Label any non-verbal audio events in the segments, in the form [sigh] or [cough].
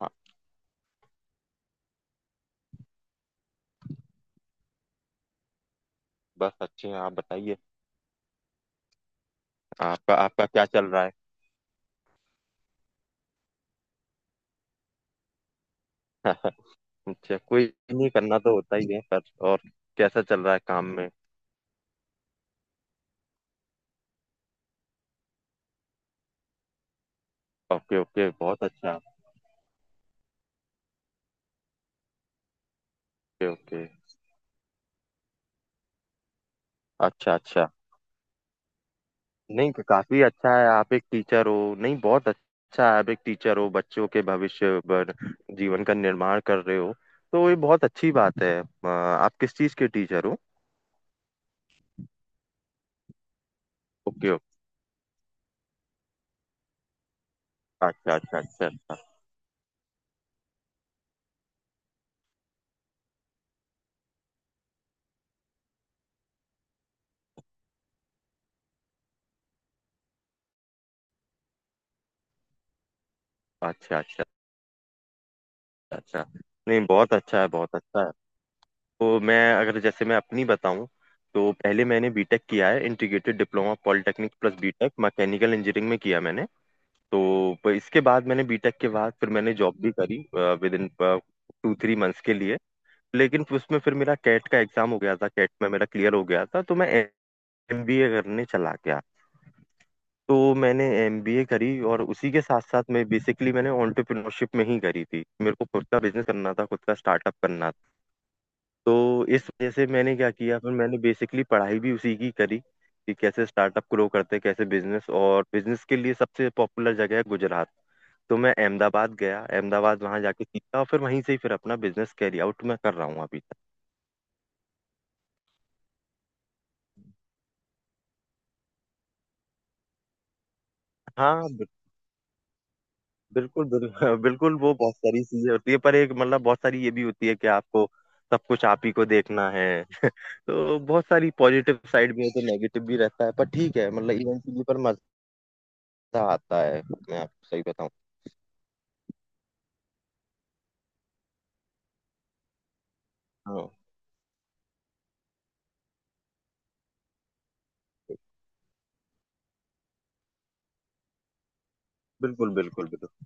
हाँ। बस अच्छे हैं। आप बताइए आपका आपका क्या चल रहा है। [laughs] अच्छा। कोई नहीं। करना तो होता ही है पर। और कैसा चल रहा है काम में। ओके ओके बहुत अच्छा। Okay okay. अच्छा अच्छा। नहीं तो काफी अच्छा है। आप एक टीचर हो। नहीं बहुत अच्छा है, आप एक टीचर हो, बच्चों के भविष्य पर जीवन का निर्माण कर रहे हो। तो ये बहुत अच्छी बात है। आप किस चीज के टीचर हो। Okay okay. अच्छा अच्छा अच्छा। अच्छा अच्छा अच्छा। अच्छा। नहीं बहुत अच्छा है, बहुत अच्छा है। तो मैं, अगर जैसे मैं अपनी बताऊं, तो पहले मैंने बीटेक किया है। Integrated diploma polytechnic plus B Tech mechanical engineering में किया मैंने। तो इसके बाद मैंने, बीटेक के बाद, फिर मैंने जॉब भी करी with in two three months के लिए। लेकिन फिर उसमें फिर मेरा कैट का एग्जाम हो गया था, कैट में मेरा क्लियर हो गया था, तो मैं एमबीए करने चला गया। तो मैंने एमबीए करी और उसी के साथ साथ मैं, बेसिकली मैंने एंटरप्रेन्योरशिप में ही करी थी। मेरे को खुद का बिजनेस करना था, खुद का स्टार्टअप करना। तो इस वजह से मैंने क्या किया, फिर मैंने बेसिकली पढ़ाई भी उसी की करी कि कैसे स्टार्टअप ग्रो करते हैं, कैसे बिजनेस। और बिजनेस के लिए सबसे पॉपुलर जगह है गुजरात। तो मैं अहमदाबाद गया। अहमदाबाद वहां जाके सीखा और फिर वहीं से ही फिर अपना बिजनेस कैरी आउट मैं कर रहा हूँ अभी तक। हाँ बिल्कुल [laughs] बिल्कुल। वो बहुत सारी चीजें होती है, पर एक मतलब बहुत सारी ये भी होती है कि आपको सब कुछ आप ही को देखना है। [laughs] तो बहुत सारी पॉजिटिव साइड भी है तो नेगेटिव भी रहता है, पर ठीक है, मतलब इवेंचुअली पर मजा आता है। मैं आपको सही बताऊं, बिल्कुल बिल्कुल बिल्कुल।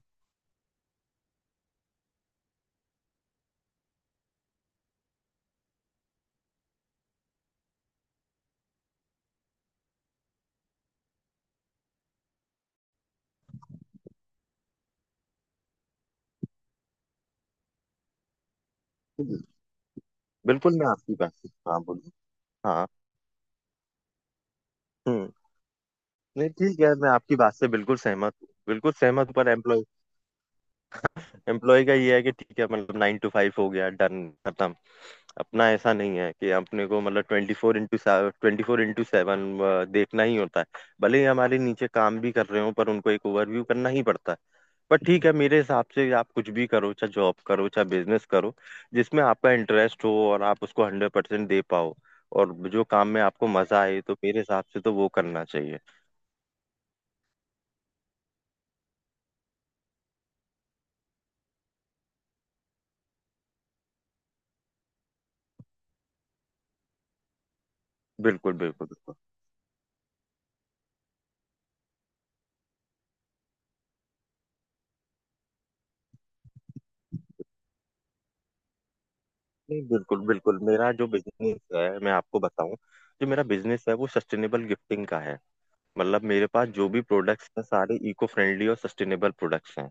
बिल्कुल मैं आपकी बात से हाँ बोलूँ। हाँ। हम्म। नहीं ठीक है, मैं आपकी बात से बिल्कुल सहमत हूँ, बिल्कुल सहमत हूँ, पर एम्प्लॉय, एम्प्लॉय का ये है कि ठीक है, मतलब 9 to 5 हो गया, डन, खत्म। अपना ऐसा नहीं है। कि अपने को मतलब 24x24x7 देखना ही होता है। भले ही हमारे नीचे काम भी कर रहे हो, पर उनको एक ओवरव्यू करना ही पड़ता है। बट ठीक है, मेरे हिसाब से आप कुछ भी करो, चाहे जॉब करो चाहे बिजनेस करो, जिसमें आपका इंटरेस्ट हो और आप उसको 100% दे पाओ और जो काम में आपको मजा आए, तो मेरे हिसाब से तो वो करना चाहिए। बिल्कुल बिल्कुल बिल्कुल। नहीं बिल्कुल बिल्कुल, मेरा जो बिजनेस है मैं आपको बताऊं, जो मेरा बिजनेस है वो सस्टेनेबल गिफ्टिंग का है। मतलब मेरे पास जो भी प्रोडक्ट्स हैं सारे इको फ्रेंडली और सस्टेनेबल प्रोडक्ट्स हैं।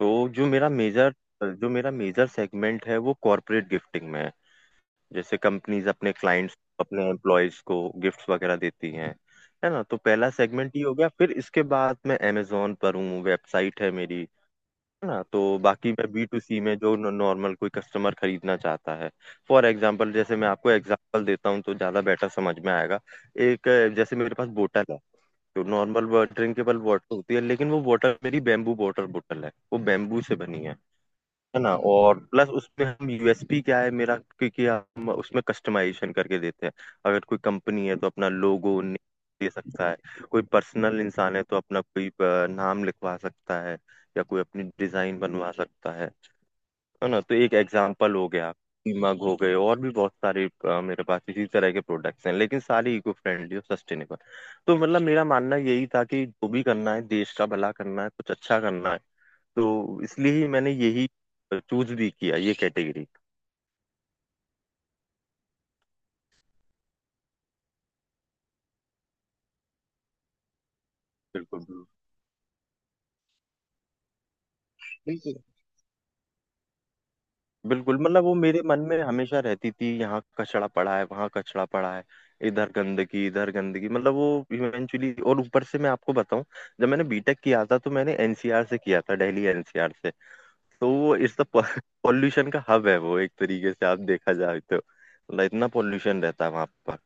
तो जो मेरा मेजर, जो मेरा मेजर सेगमेंट है वो कॉरपोरेट गिफ्टिंग में है। जैसे कंपनीज अपने क्लाइंट्स, अपने एम्प्लॉयज को गिफ्ट्स वगैरह देती हैं। है ना। तो पहला सेगमेंट ये हो गया। फिर इसके बाद मैं अमेजोन पर हूँ, वेबसाइट है मेरी। है ना। तो बाकी मैं B2C में, जो नॉर्मल कोई कस्टमर खरीदना चाहता है, फॉर एग्जांपल, जैसे मैं आपको एग्जांपल देता हूँ तो ज़्यादा बेटर समझ में आएगा। एक जैसे मेरे पास बोतल है। तो नॉर्मल ड्रिंकेबल वाटर होती है, लेकिन वो वाटर, मेरी बैम्बू वाटर बोतल है, वो बैम्बू से बनी है। है ना। और प्लस उसमें हम, यूएसपी क्या है मेरा, क्योंकि हम उसमें कस्टमाइजेशन करके देते हैं। अगर कोई कंपनी है तो अपना लोगो दे सकता है। कोई पर्सनल इंसान है तो अपना कोई नाम लिखवा सकता है या कोई अपनी डिजाइन बनवा सकता है। है ना। तो एक एग्जाम्पल हो गया। मग हो गए, और भी बहुत सारे मेरे पास इसी तरह के प्रोडक्ट्स हैं, लेकिन सारे इको फ्रेंडली और सस्टेनेबल। तो मतलब मेरा मानना यही था कि जो भी करना है देश का भला करना है, कुछ अच्छा करना है, तो इसलिए ही मैंने यही चूज भी किया ये कैटेगरी। बिल्कुल बिल्कुल बिल्कुल। बिल्कुल, मतलब वो मेरे मन में हमेशा रहती थी, यहाँ कचड़ा पड़ा है वहाँ कचड़ा पड़ा है, इधर गंदगी इधर गंदगी, मतलब वो इवेंचुअली। और ऊपर से मैं आपको बताऊं, जब मैंने बीटेक किया था तो मैंने एनसीआर से किया था, दिल्ली एनसीआर से। तो वो इट्स द पॉल्यूशन का हब है वो, एक तरीके से आप देखा जाए तो मतलब इतना पॉल्यूशन रहता है वहां पर।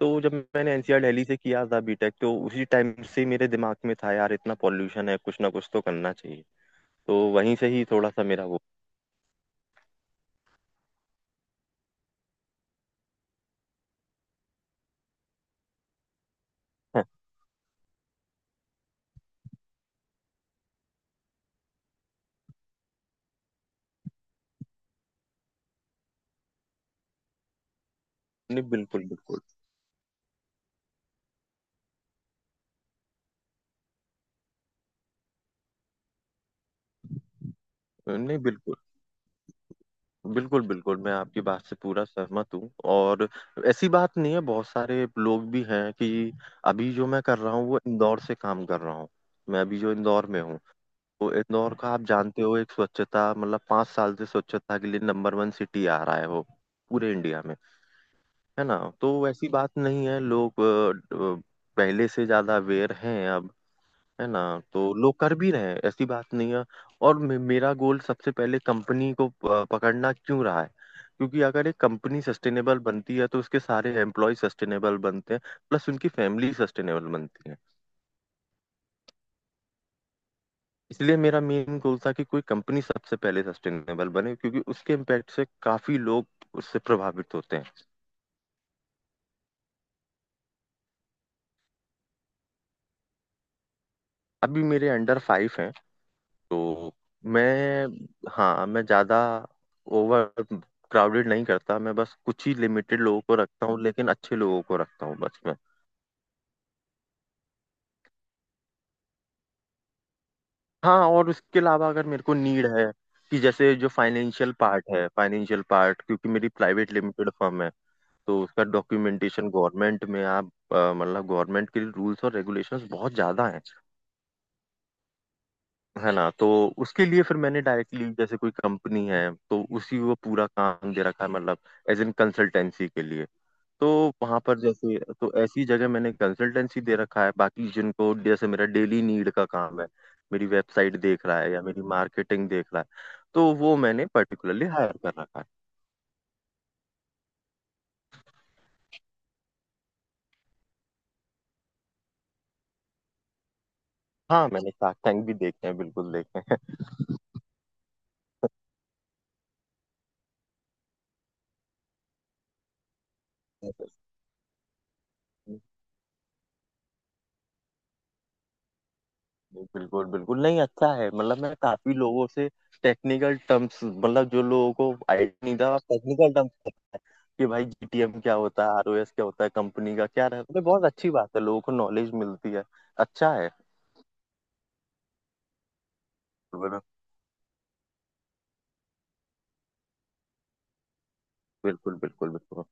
तो जब मैंने एनसीआर दिल्ली से किया था बीटेक, तो उसी टाइम से मेरे दिमाग में था, यार इतना पॉल्यूशन है कुछ ना कुछ तो करना चाहिए। तो वहीं से ही थोड़ा सा मेरा वो। [laughs] नहीं बिल्कुल बिल्कुल। नहीं बिल्कुल बिल्कुल बिल्कुल, मैं आपकी बात से पूरा सहमत हूँ। और ऐसी बात नहीं है, बहुत सारे लोग भी हैं कि, अभी जो मैं कर रहा हूँ वो इंदौर से काम कर रहा हूँ। मैं अभी जो इंदौर में हूँ, तो इंदौर का आप जानते हो, एक स्वच्छता मतलब 5 साल से स्वच्छता के लिए नंबर वन सिटी आ रहा है वो पूरे इंडिया में। है ना। तो वैसी बात नहीं है, लोग पहले से ज्यादा अवेयर हैं अब। है ना। तो लोग कर भी रहे हैं, ऐसी बात नहीं है। और मे मेरा गोल सबसे पहले कंपनी को पकड़ना क्यों रहा है, क्योंकि अगर एक कंपनी सस्टेनेबल बनती है तो उसके सारे एम्प्लॉय सस्टेनेबल बनते हैं, प्लस उनकी फैमिली सस्टेनेबल बनती है। इसलिए मेरा मेन गोल था कि कोई कंपनी सबसे पहले सस्टेनेबल बने, क्योंकि उसके इम्पैक्ट से काफी लोग उससे प्रभावित होते हैं। अभी मेरे अंडर 5 हैं। तो मैं, हाँ मैं ज्यादा ओवर क्राउडेड नहीं करता, मैं बस कुछ ही लिमिटेड लोगों को रखता हूँ, लेकिन अच्छे लोगों को रखता हूँ बस मैं। हाँ और उसके अलावा अगर मेरे को नीड है कि, जैसे जो फाइनेंशियल पार्ट है, फाइनेंशियल पार्ट, क्योंकि मेरी प्राइवेट लिमिटेड फर्म है, तो उसका डॉक्यूमेंटेशन गवर्नमेंट में आप, मतलब गवर्नमेंट के रूल्स और रेगुलेशंस बहुत ज्यादा हैं। है ना। तो उसके लिए फिर मैंने डायरेक्टली, जैसे कोई कंपनी है तो उसी को पूरा काम दे रखा है, मतलब एज इन कंसल्टेंसी के लिए। तो वहां पर जैसे, तो ऐसी जगह मैंने कंसल्टेंसी दे रखा है। बाकी जिनको, जैसे मेरा डेली नीड का काम है, मेरी वेबसाइट देख रहा है या मेरी मार्केटिंग देख रहा है, तो वो मैंने पर्टिकुलरली हायर कर रखा है। हाँ मैंने शार्क टैंक भी देखे हैं, बिल्कुल देखे हैं। [laughs] बिल्कुल बिल्कुल। नहीं अच्छा है, मतलब मैं काफी लोगों से टेक्निकल टर्म्स, मतलब जो लोगों को आईडिया नहीं था टेक्निकल टर्म्स, कि भाई जीटीएम क्या होता है, आरओएस क्या होता है, कंपनी का क्या रहता है, बहुत अच्छी बात है, लोगों को नॉलेज मिलती है, अच्छा है। बिल्कुल बिल्कुल बिल्कुल।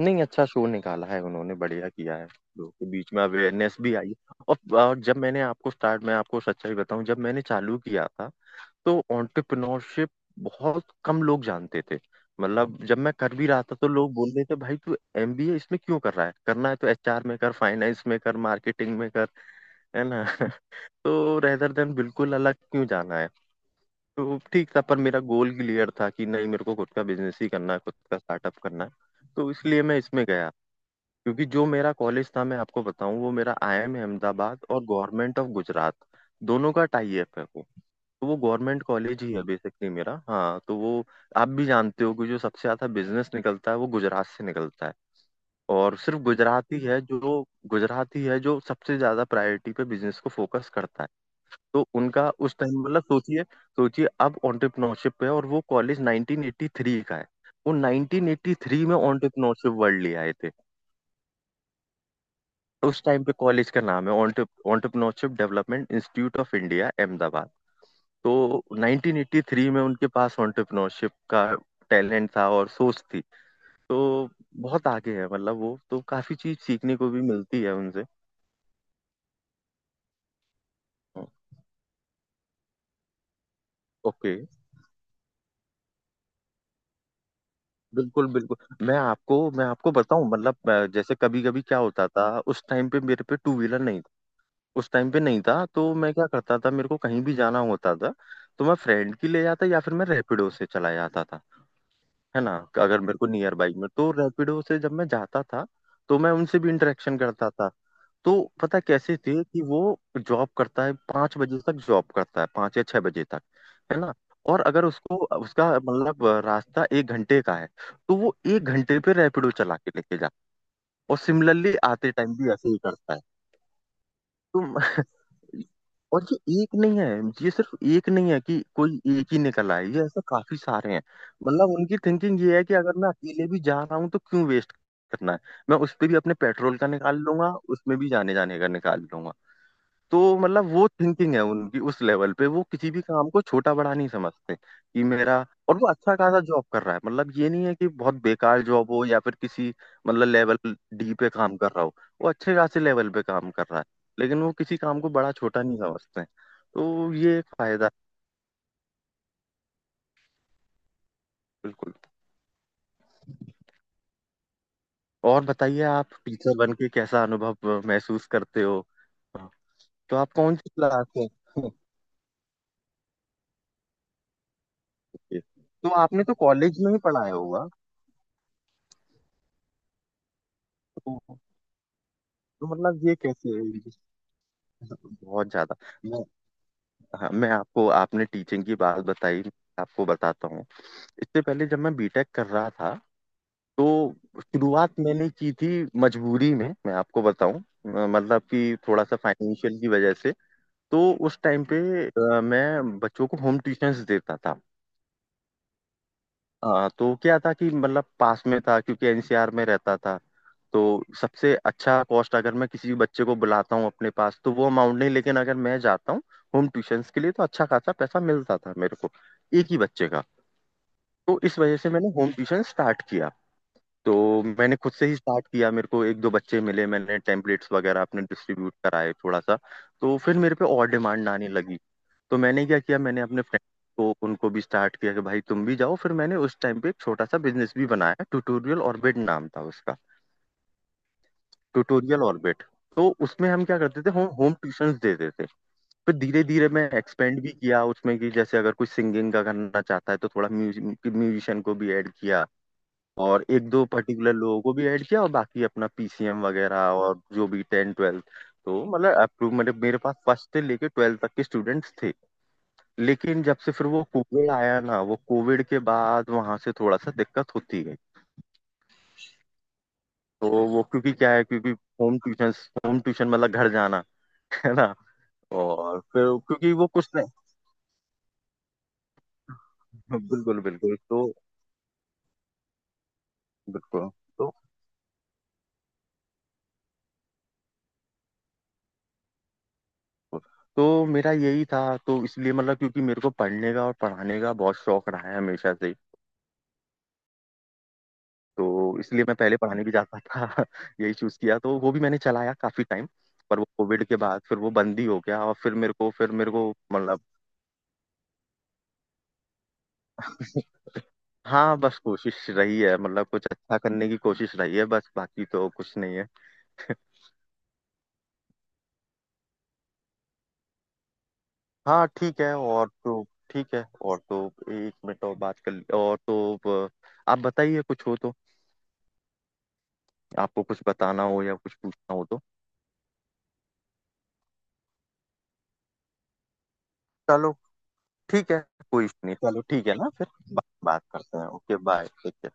नहीं अच्छा शो निकाला है उन्होंने, बढ़िया किया है, लोगों के बीच में अवेयरनेस भी आई। और जब मैंने आपको स्टार्ट, मैं आपको सच्चाई बताऊं जब मैंने चालू किया था, तो एंटरप्रेन्योरशिप बहुत कम लोग जानते थे। मतलब जब मैं कर भी रहा था तो लोग बोल रहे थे, भाई तू एमबीए इसमें क्यों कर रहा है, करना है तो एचआर में कर, फाइनेंस में कर, मार्केटिंग में कर। है ना। [laughs] तो रेदर देन, बिल्कुल अलग क्यों जाना है। तो ठीक था, पर मेरा गोल क्लियर था कि नहीं, मेरे को खुद का बिजनेस ही करना है, खुद का स्टार्टअप करना है, तो इसलिए मैं इसमें गया। क्योंकि जो मेरा कॉलेज था मैं आपको बताऊं, वो मेरा आईआईएम अहमदाबाद और गवर्नमेंट ऑफ गुजरात दोनों का टाई अप है वो। तो वो गवर्नमेंट कॉलेज ही है बेसिकली मेरा। हाँ तो वो, आप भी जानते हो कि जो सबसे ज्यादा बिजनेस निकलता है वो गुजरात से निकलता है। और सिर्फ गुजरात ही है जो, गुजरात ही है जो सबसे ज्यादा प्रायोरिटी पे बिजनेस को फोकस करता है। तो उनका उस टाइम, मतलब सोचिए सोचिए, अब एंटरप्रेन्योरशिप पे है और वो कॉलेज 1983 का है। वो 1983 में एंटरप्रेन्योरशिप वर्ल्ड ले आए थे। उस टाइम पे कॉलेज का नाम है, entrepreneurship development institute of India Ahmedabad. तो 1983 में उनके पास एंटरप्रेन्योरशिप का टैलेंट था और सोच थी। तो बहुत आगे है मतलब, वो तो काफी चीज सीखने को भी मिलती है उनसे। ओके बिल्कुल बिल्कुल। मैं आपको, मैं आपको बताऊं मतलब, जैसे कभी कभी क्या होता था, उस टाइम पे मेरे पे टू व्हीलर नहीं था, उस टाइम पे नहीं था, तो मैं क्या करता था, मेरे को कहीं भी जाना होता था तो मैं फ्रेंड की ले जाता या फिर मैं रैपिडो से चला जाता था। है ना। अगर मेरे को नियर बाई में, तो रैपिडो से जब मैं जाता था तो मैं उनसे भी इंटरेक्शन करता था। तो पता कैसे थे कि वो जॉब करता है 5 बजे तक, जॉब करता है 5 या 6 बजे तक। है ना। और अगर उसको उसका मतलब रास्ता 1 घंटे का है, तो वो 1 घंटे पे रैपिडो चला के लेके जा। और सिमिलरली आते टाइम भी ऐसे ही करता है। तो और ये एक नहीं है, ये सिर्फ एक नहीं है कि कोई एक ही निकल आए ये ऐसे काफी सारे हैं। मतलब उनकी थिंकिंग ये है कि अगर मैं अकेले भी जा रहा हूँ तो क्यों वेस्ट करना है। मैं उस पे भी अपने पेट्रोल का निकाल लूंगा, उसमें भी जाने जाने का निकाल लूंगा। तो मतलब वो थिंकिंग है उनकी, उस लेवल पे वो किसी भी काम को छोटा बड़ा नहीं समझते कि मेरा। और वो अच्छा खासा जॉब कर रहा है, मतलब ये नहीं है कि बहुत बेकार जॉब हो या फिर किसी मतलब लेवल डी पे काम कर रहा हो। वो अच्छे खासे लेवल पे काम कर रहा है। लेकिन वो किसी काम को बड़ा छोटा नहीं समझते, तो ये एक फायदा है। बिल्कुल। और बताइए, आप टीचर बन के कैसा अनुभव महसूस करते हो? तो आप कौन सी क्लास में [laughs] तो आपने तो कॉलेज में ही पढ़ाया होगा। तो, तो मतलब ये कैसे? बहुत ज्यादा। मैं। हाँ, मैं आपको, आपने टीचिंग की बात बताई, आपको बताता हूँ। इससे पहले जब मैं बीटेक कर रहा था तो शुरुआत मैंने की थी। मजबूरी में, मैं आपको बताऊं, मतलब कि थोड़ा सा फाइनेंशियल की वजह से। तो उस टाइम पे मैं बच्चों को होम ट्यूशंस देता था। हाँ, तो क्या था कि मतलब पास में था क्योंकि एनसीआर में रहता था। तो सबसे अच्छा कॉस्ट, अगर मैं किसी भी बच्चे को बुलाता हूँ अपने पास तो वो अमाउंट नहीं, लेकिन अगर मैं जाता हूँ होम ट्यूशंस के लिए तो अच्छा खासा पैसा मिलता था मेरे को, एक ही बच्चे का। तो इस वजह से मैंने होम ट्यूशन स्टार्ट किया। तो मैंने खुद से ही स्टार्ट किया, मेरे को एक दो बच्चे मिले, मैंने टेम्पलेट्स वगैरह अपने डिस्ट्रीब्यूट कराए थोड़ा सा। तो फिर मेरे पे और डिमांड आने लगी। तो मैंने क्या किया, मैंने अपने फ्रेंड को, उनको भी स्टार्ट किया कि भाई तुम भी जाओ। फिर मैंने उस टाइम पे एक छोटा सा बिजनेस भी बनाया, ट्यूटोरियल ऑर्बिट नाम था उसका। Tutorial orbit. तो उसमें हम क्या करते थे, होम होम ट्यूशंस देते थे। फिर धीरे धीरे मैं एक्सपेंड भी किया उसमें, कि जैसे अगर कोई सिंगिंग का करना चाहता है तो थोड़ा म्यूजिशियन को भी ऐड किया। और एक दो पर्टिकुलर लोगों को भी ऐड किया, और बाकी अपना पीसीएम वगैरह और जो भी टेन ट्वेल्थ। तो मतलब अप्रूव मेरे मेरे पास फर्स्ट से लेके ट्वेल्थ तक के स्टूडेंट्स थे। लेकिन जब से फिर वो कोविड आया ना, वो कोविड के बाद वहां से थोड़ा सा दिक्कत होती गई। तो वो क्योंकि क्या है, क्योंकि होम ट्यूशन, होम ट्यूशन मतलब घर जाना [laughs] है ना? और फिर क्योंकि वो कुछ नहीं। बिल्कुल बिल्कुल, बिल्कुल तो तो मेरा यही था। तो इसलिए, मतलब क्योंकि मेरे को पढ़ने का और पढ़ाने का बहुत शौक रहा है हमेशा से। तो इसलिए मैं पहले पढ़ाने भी जाता था [laughs] यही चूज किया, तो वो भी मैंने चलाया काफी टाइम। पर वो कोविड के बाद फिर वो बंद ही हो गया। और फिर मेरे को मतलब। हाँ बस कोशिश रही है, मतलब कुछ अच्छा करने की कोशिश रही है बस, बाकी तो कुछ नहीं है। हाँ ठीक है और तो एक मिनट और बात कर ली, और तो आप बताइए, कुछ हो तो। आपको कुछ बताना हो या कुछ पूछना हो तो। चलो ठीक है, कोई इशू नहीं, चलो ठीक है ना फिर। बात करते हैं, ओके बाय, ठीक है।